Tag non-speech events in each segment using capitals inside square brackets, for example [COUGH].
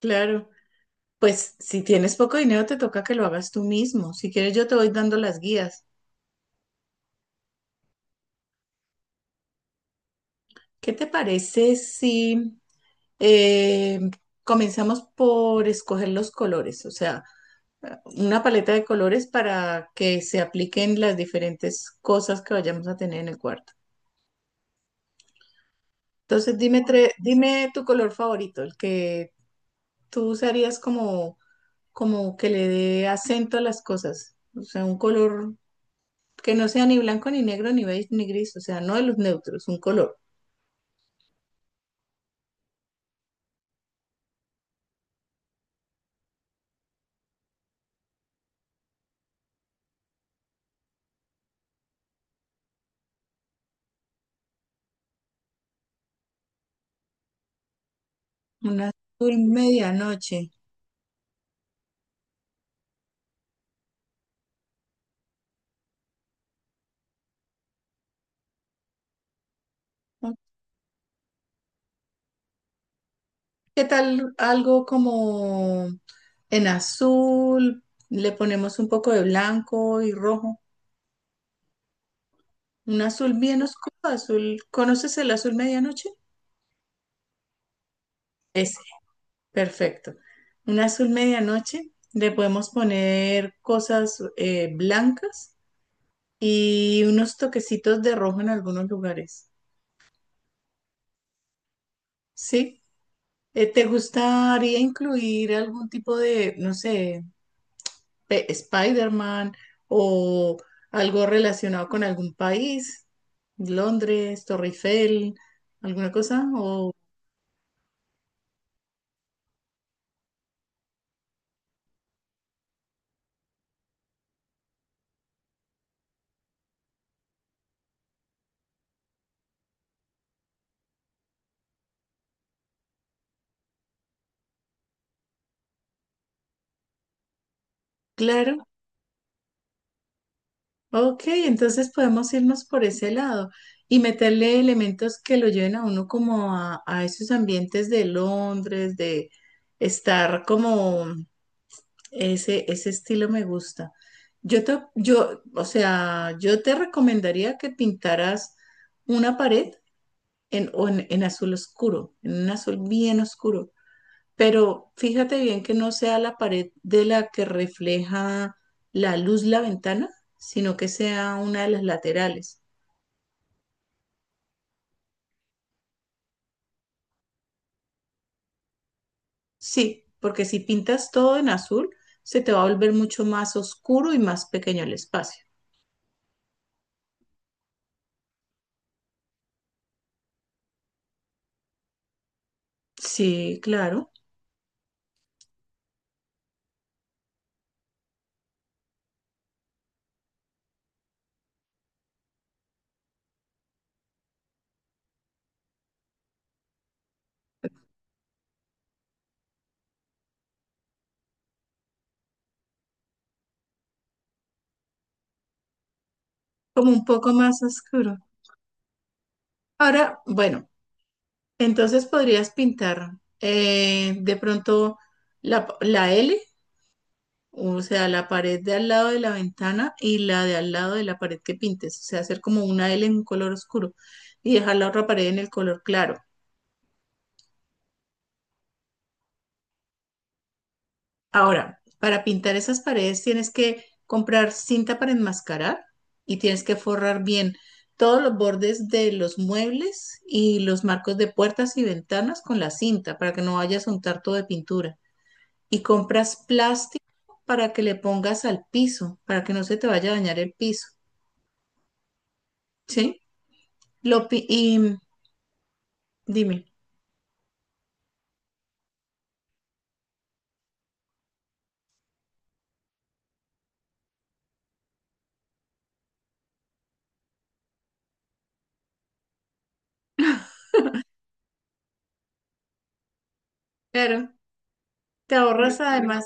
Claro, pues si tienes poco dinero te toca que lo hagas tú mismo. Si quieres yo te voy dando las guías. ¿Qué te parece si eh, comenzamos por escoger los colores? O sea, una paleta de colores para que se apliquen las diferentes cosas que vayamos a tener en el cuarto. Entonces dime, dime tu color favorito, el que tú usarías como, como que le dé acento a las cosas. O sea, un color que no sea ni blanco, ni negro, ni beige, ni gris, o sea, no de los neutros, un color. Un azul medianoche. ¿Qué tal algo como en azul? Le ponemos un poco de blanco y rojo. Un azul bien oscuro, azul. ¿Conoces el azul medianoche? Ese, perfecto. Un azul medianoche. Le podemos poner cosas blancas y unos toquecitos de rojo en algunos lugares. ¿Sí? ¿Te gustaría incluir algún tipo de, no sé, Spider-Man o algo relacionado con algún país? ¿Londres, Torre Eiffel, alguna cosa? O claro, ok, entonces podemos irnos por ese lado y meterle elementos que lo lleven a uno como a esos ambientes de Londres, de estar como ese estilo me gusta. O sea, yo te recomendaría que pintaras una pared en, o en, en azul oscuro, en un azul bien oscuro. Pero fíjate bien que no sea la pared de la que refleja la luz la ventana, sino que sea una de las laterales. Sí, porque si pintas todo en azul, se te va a volver mucho más oscuro y más pequeño el espacio. Sí, claro, como un poco más oscuro. Ahora, bueno. Entonces podrías pintar de pronto la L, o sea, la pared de al lado de la ventana y la de al lado de la pared que pintes, o sea, hacer como una L en un color oscuro y dejar la otra pared en el color claro. Ahora, para pintar esas paredes tienes que comprar cinta para enmascarar y tienes que forrar bien todos los bordes de los muebles y los marcos de puertas y ventanas con la cinta para que no vayas a untar todo de pintura. Y compras plástico para que le pongas al piso, para que no se te vaya a dañar el piso, ¿sí? Y dime, claro, te ahorras además,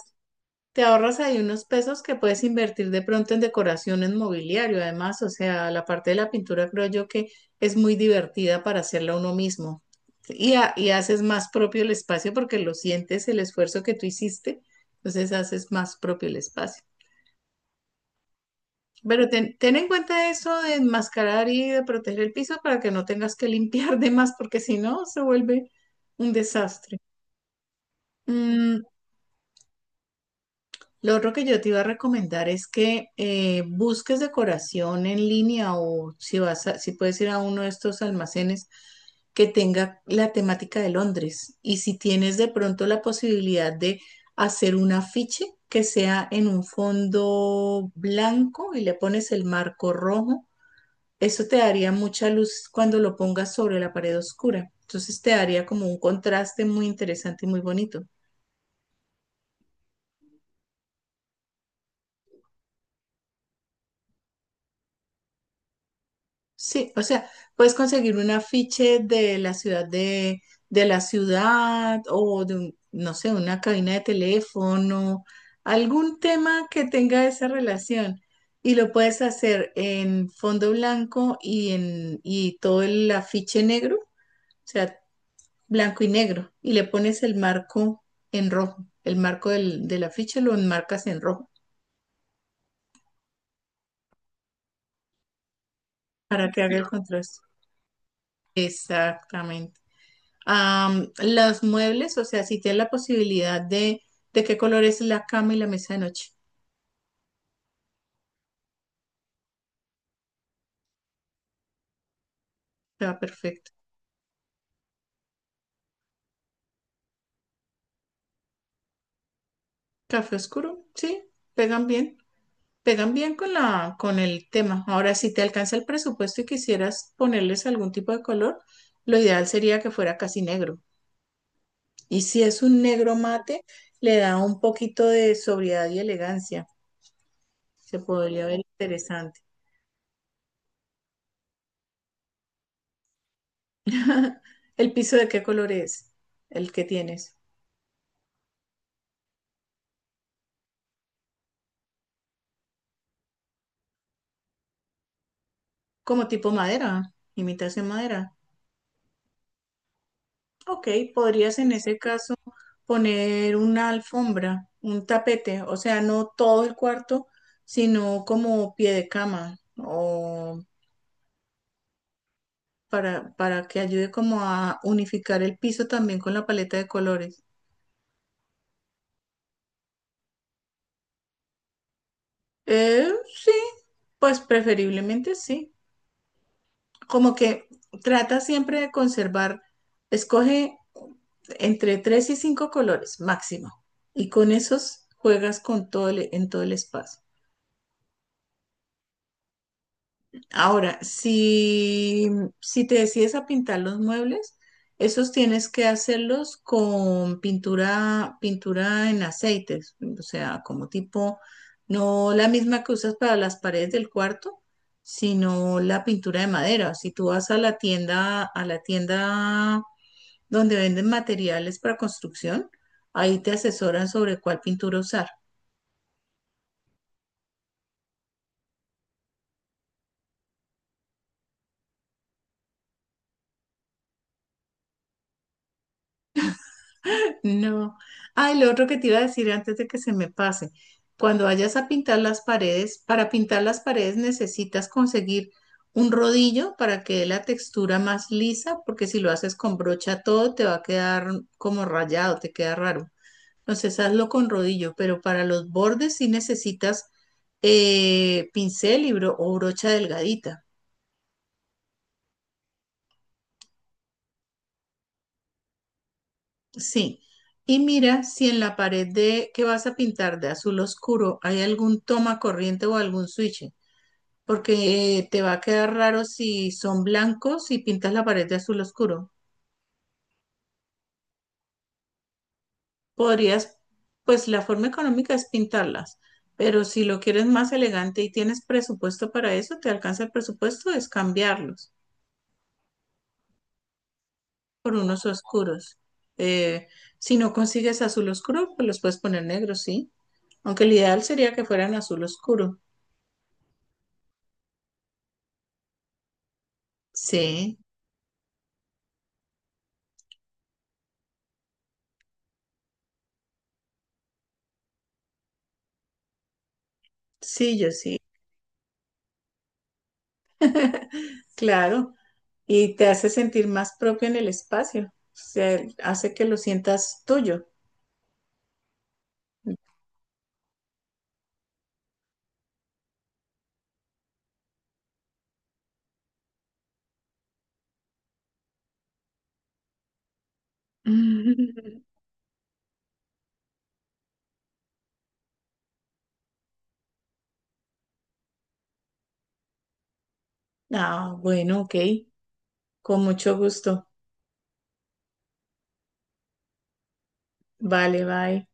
te ahorras ahí unos pesos que puedes invertir de pronto en decoración, en mobiliario, además, o sea, la parte de la pintura creo yo que es muy divertida para hacerla uno mismo. Sí, y haces más propio el espacio porque lo sientes, el esfuerzo que tú hiciste, entonces haces más propio el espacio. Pero ten en cuenta eso de enmascarar y de proteger el piso para que no tengas que [LAUGHS] limpiar de más, porque si no, se vuelve un desastre. Mm, lo otro que yo te iba a recomendar es que busques decoración en línea o si puedes ir a uno de estos almacenes que tenga la temática de Londres. Y si tienes de pronto la posibilidad de hacer un afiche que sea en un fondo blanco y le pones el marco rojo. Eso te daría mucha luz cuando lo pongas sobre la pared oscura. Entonces te daría como un contraste muy interesante y muy bonito. Sí, o sea, puedes conseguir un afiche de la ciudad o de no sé, una cabina de teléfono, algún tema que tenga esa relación. Y lo puedes hacer en fondo blanco y en y todo el afiche negro. O sea, blanco y negro y le pones el marco en rojo. De la ficha lo enmarcas en rojo para que haga el contraste. Exactamente. Am, los muebles, o sea, si tienes la posibilidad de qué color es la cama y la mesa de noche, te va perfecto. Café oscuro, sí, pegan bien, pegan bien con la, con el tema. Ahora, si te alcanza el presupuesto y quisieras ponerles algún tipo de color, lo ideal sería que fuera casi negro. Y si es un negro mate, le da un poquito de sobriedad y elegancia. Se podría ver interesante. [LAUGHS] ¿El piso de qué color es? El que tienes. Como tipo madera, imitación madera. Ok, podrías en ese caso poner una alfombra, un tapete, o sea, no todo el cuarto, sino como pie de cama o para que ayude como a unificar el piso también con la paleta de colores. Eh, sí, pues preferiblemente sí. Como que trata siempre de conservar, escoge entre tres y cinco colores máximo. Y con esos juegas con en todo el espacio. Ahora, si te decides a pintar los muebles, esos tienes que hacerlos con pintura, pintura en aceites, o sea, como tipo, no la misma que usas para las paredes del cuarto, sino la pintura de madera. Si tú vas a la tienda donde venden materiales para construcción, ahí te asesoran sobre cuál pintura usar. No. Ah, y lo otro que te iba a decir antes de que se me pase, cuando vayas a pintar las paredes, para pintar las paredes necesitas conseguir un rodillo para que dé la textura más lisa, porque si lo haces con brocha todo te va a quedar como rayado, te queda raro. Entonces hazlo con rodillo, pero para los bordes sí necesitas pincel y bro- o brocha delgadita. Sí, y mira si en la pared de que vas a pintar de azul oscuro hay algún toma corriente o algún switch, porque te va a quedar raro si son blancos y pintas la pared de azul oscuro. Podrías, pues la forma económica es pintarlas, pero si lo quieres más elegante y tienes presupuesto para eso, te alcanza el presupuesto, es cambiarlos por unos oscuros. Eh, si no consigues azul oscuro, pues los puedes poner negros, ¿sí? Aunque el ideal sería que fueran azul oscuro. Sí, sí, yo sí, [LAUGHS] claro. Y te hace sentir más propio en el espacio. O sea, hace que lo sientas tuyo. [LAUGHS] Ah, bueno, ok. Con mucho gusto. Vale, bye.